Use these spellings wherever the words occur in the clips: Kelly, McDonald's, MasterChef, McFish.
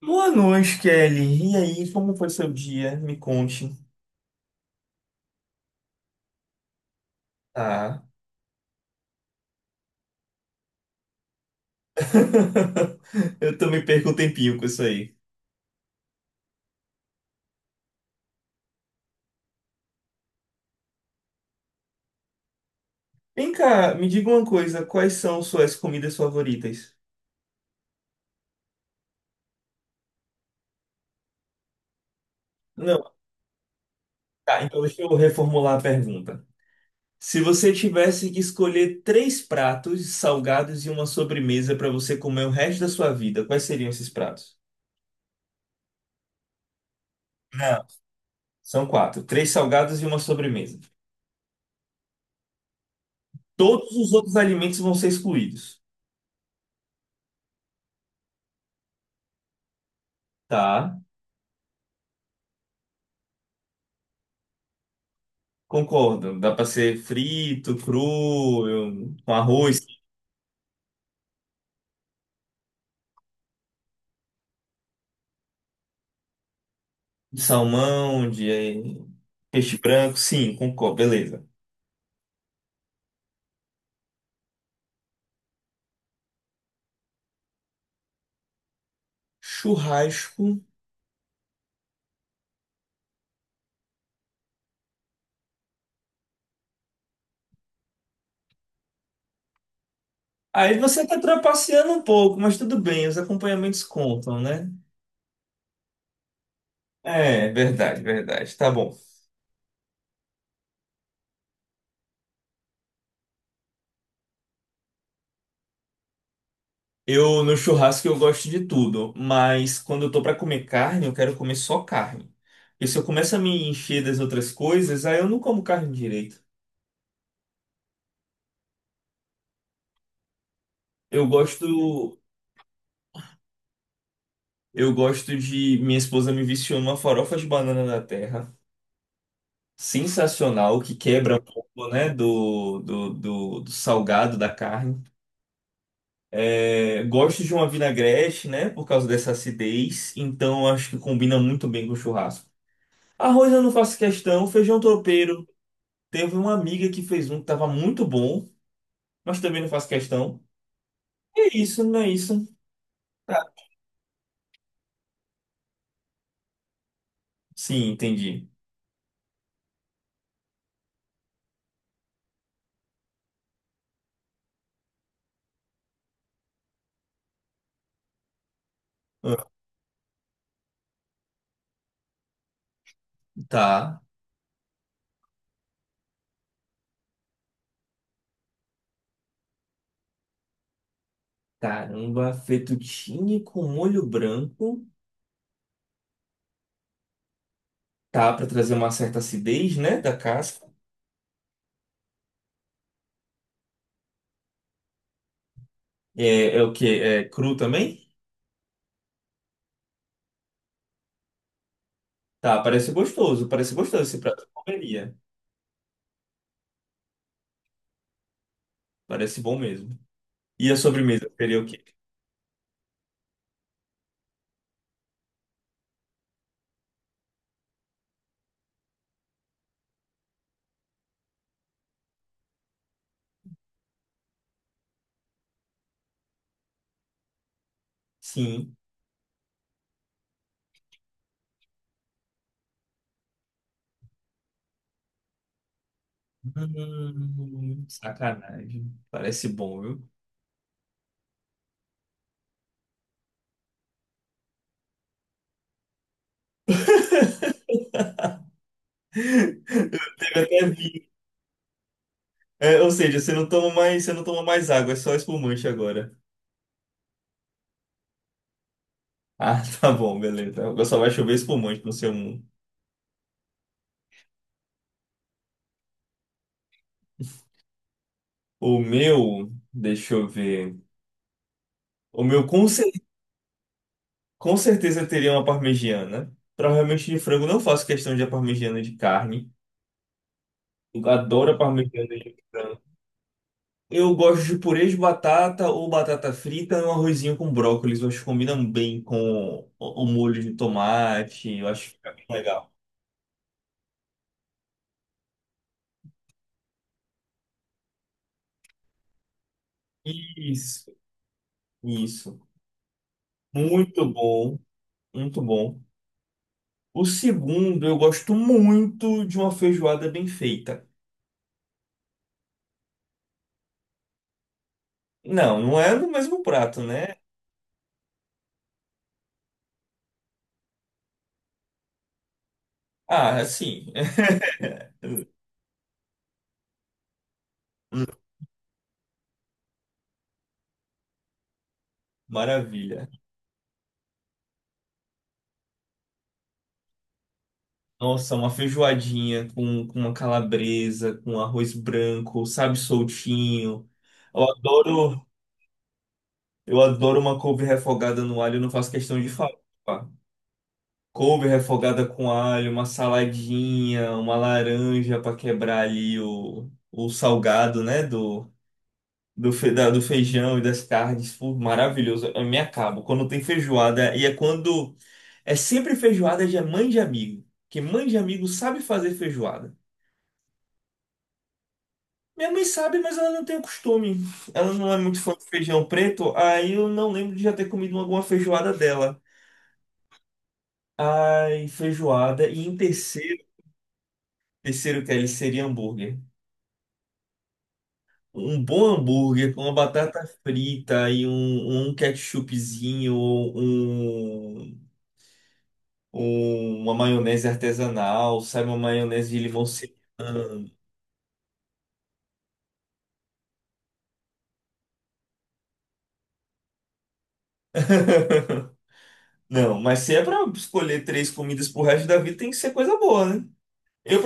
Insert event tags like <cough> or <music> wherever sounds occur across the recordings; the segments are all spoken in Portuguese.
Boa noite, Kelly. E aí, como foi seu dia? Me conte. Ah, <laughs> eu também perco um tempinho com isso aí. Vem cá, me diga uma coisa, quais são suas comidas favoritas? Não, tá, então deixa eu reformular a pergunta. Se você tivesse que escolher três pratos salgados e uma sobremesa para você comer o resto da sua vida, quais seriam esses pratos? Não, são quatro. Três salgados e uma sobremesa. Todos os outros alimentos vão ser excluídos, tá? Concordo, dá para ser frito, cru, com arroz, de salmão, de peixe branco, sim, concordo, beleza. Churrasco. Aí você tá trapaceando um pouco, mas tudo bem, os acompanhamentos contam, né? É, verdade, verdade, tá bom. Eu no churrasco eu gosto de tudo, mas quando eu tô para comer carne, eu quero comer só carne. E se eu começo a me encher das outras coisas, aí eu não como carne direito. Eu gosto. Eu gosto de. Minha esposa me viciou numa farofa de banana da terra. Sensacional, que quebra um pouco, né? Do salgado da carne. É, gosto de uma vinagrete, né? Por causa dessa acidez. Então acho que combina muito bem com o churrasco. Arroz eu não faço questão. Feijão tropeiro. Teve uma amiga que fez um que tava muito bom, mas também não faço questão. É isso, não é isso. Tá. Sim, entendi. Tá. Caramba, fettuccine com molho branco. Tá, para trazer uma certa acidez, né, da casca. É, é o que É cru também? Tá, parece gostoso. Parece gostoso esse prato. Eu comeria. Parece bom mesmo. E a sobremesa seria o quê? Sim. Sacanagem. Parece bom, viu? Teve até vinho. É, ou seja, você não toma mais água, é só espumante agora. Ah, <laughs> tá bom, beleza. Agora só vai chover espumante no seu mundo. O meu, deixa eu ver. O meu com. Com certeza teria uma parmegiana. Provavelmente de frango, não faço questão de a parmegiana de carne. Eu adoro a parmegiana de frango. Eu gosto de purê de batata ou batata frita e um arrozinho com brócolis. Eu acho que combina bem com o molho de tomate. Eu acho que fica bem legal. Isso, isso. Muito bom, muito bom. O segundo, eu gosto muito de uma feijoada bem feita. Não, não é no mesmo prato, né? Ah, assim, <laughs> maravilha. Nossa, uma feijoadinha com uma calabresa, com arroz branco, sabe, soltinho. Eu adoro, eu adoro uma couve refogada no alho, eu não faço questão de falar. Couve refogada com alho, uma saladinha, uma laranja para quebrar ali o salgado, né, do feijão e das carnes. Pô, maravilhoso, eu me acabo. Quando tem feijoada, e é quando... É sempre feijoada de mãe de amigo, porque mãe de amigo sabe fazer feijoada. Minha mãe sabe, mas ela não tem o costume. Ela não é muito fã de feijão preto, aí eu não lembro de já ter comido alguma feijoada dela. Ai, feijoada. E em terceiro, terceiro que é ele seria hambúrguer. Um bom hambúrguer com uma batata frita e um ketchupzinho, uma maionese artesanal, sabe, uma maionese de limão serrano. <laughs> Não, mas se é pra escolher três comidas pro resto da vida, tem que ser coisa boa, né? Eu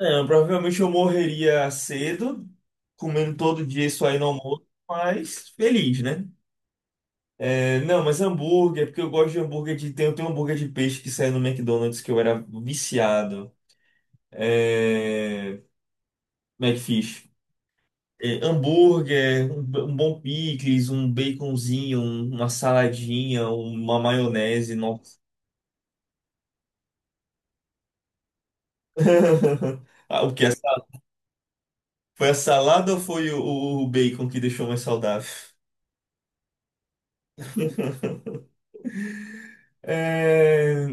É, provavelmente eu morreria cedo, comendo todo dia isso aí no almoço, mas feliz, né? É, não, mas hambúrguer, porque eu gosto de hambúrguer de. Tem um hambúrguer de peixe que saiu no McDonald's que eu era viciado. É, McFish. É, hambúrguer, um bom picles, um baconzinho, uma saladinha, uma maionese, nossa. <laughs> Ah, o que? Foi a salada ou foi o, o bacon que deixou mais saudável? <laughs> É.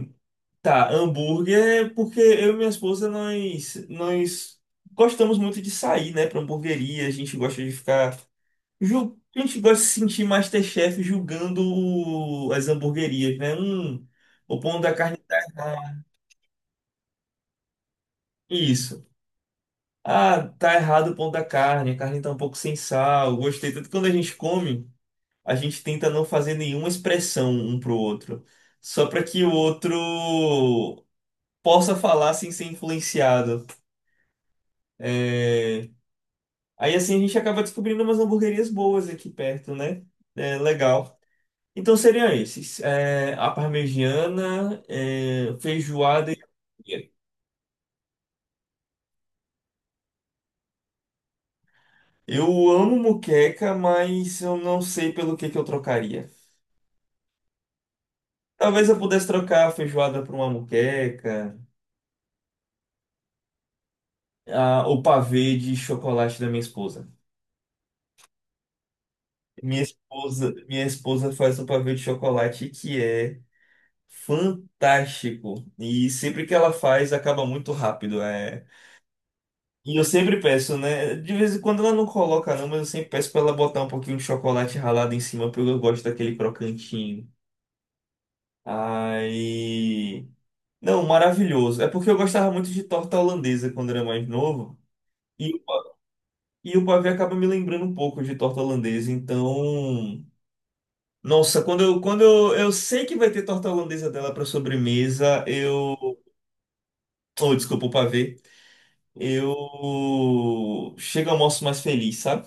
Tá, hambúrguer, é porque eu e minha esposa, nós gostamos muito de sair, né, pra hamburgueria, a gente gosta de ficar, a gente gosta de se sentir MasterChef julgando as hamburguerias, né, o pão da carne tá errado, isso, ah, tá errado o pão da carne, a carne tá um pouco sem sal, gostei, tanto que quando a gente come, a gente tenta não fazer nenhuma expressão um pro outro, só pra que o outro possa falar sem ser influenciado, é... Aí assim a gente acaba descobrindo umas hamburguerias boas aqui perto, né? É legal. Então seriam esses: é, a parmegiana, é, feijoada e hamburgueria. Eu amo muqueca, mas eu não sei pelo que eu trocaria. Talvez eu pudesse trocar a feijoada por uma muqueca, o pavê de chocolate da minha esposa. Minha esposa faz um pavê de chocolate que é fantástico. E sempre que ela faz, acaba muito rápido. É. E eu sempre peço, né? De vez em quando ela não coloca, não, mas eu sempre peço pra ela botar um pouquinho de chocolate ralado em cima, porque eu gosto daquele crocantinho. Aí não, maravilhoso. É porque eu gostava muito de torta holandesa quando era mais novo. E, o pa- e o pavê acaba me lembrando um pouco de torta holandesa. Então. Nossa, quando eu sei que vai ter torta holandesa dela pra sobremesa, eu. Oh, desculpa, o pavê. Eu chego ao almoço mais feliz, sabe?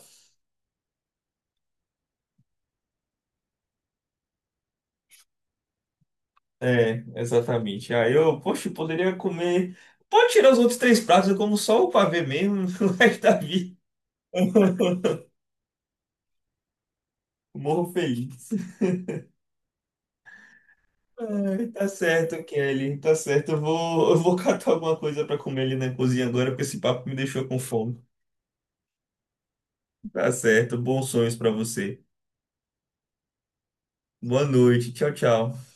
É, exatamente. Aí eu, poxa, eu poderia comer. Pode tirar os outros três pratos, eu como só o pavê mesmo, <laughs> o resto da vida. Morro feliz. Ai, tá certo, Kelly, tá certo. Eu vou catar alguma coisa pra comer ali na cozinha agora, porque esse papo me deixou com fome. Tá certo, bons sonhos pra você. Boa noite, tchau, tchau.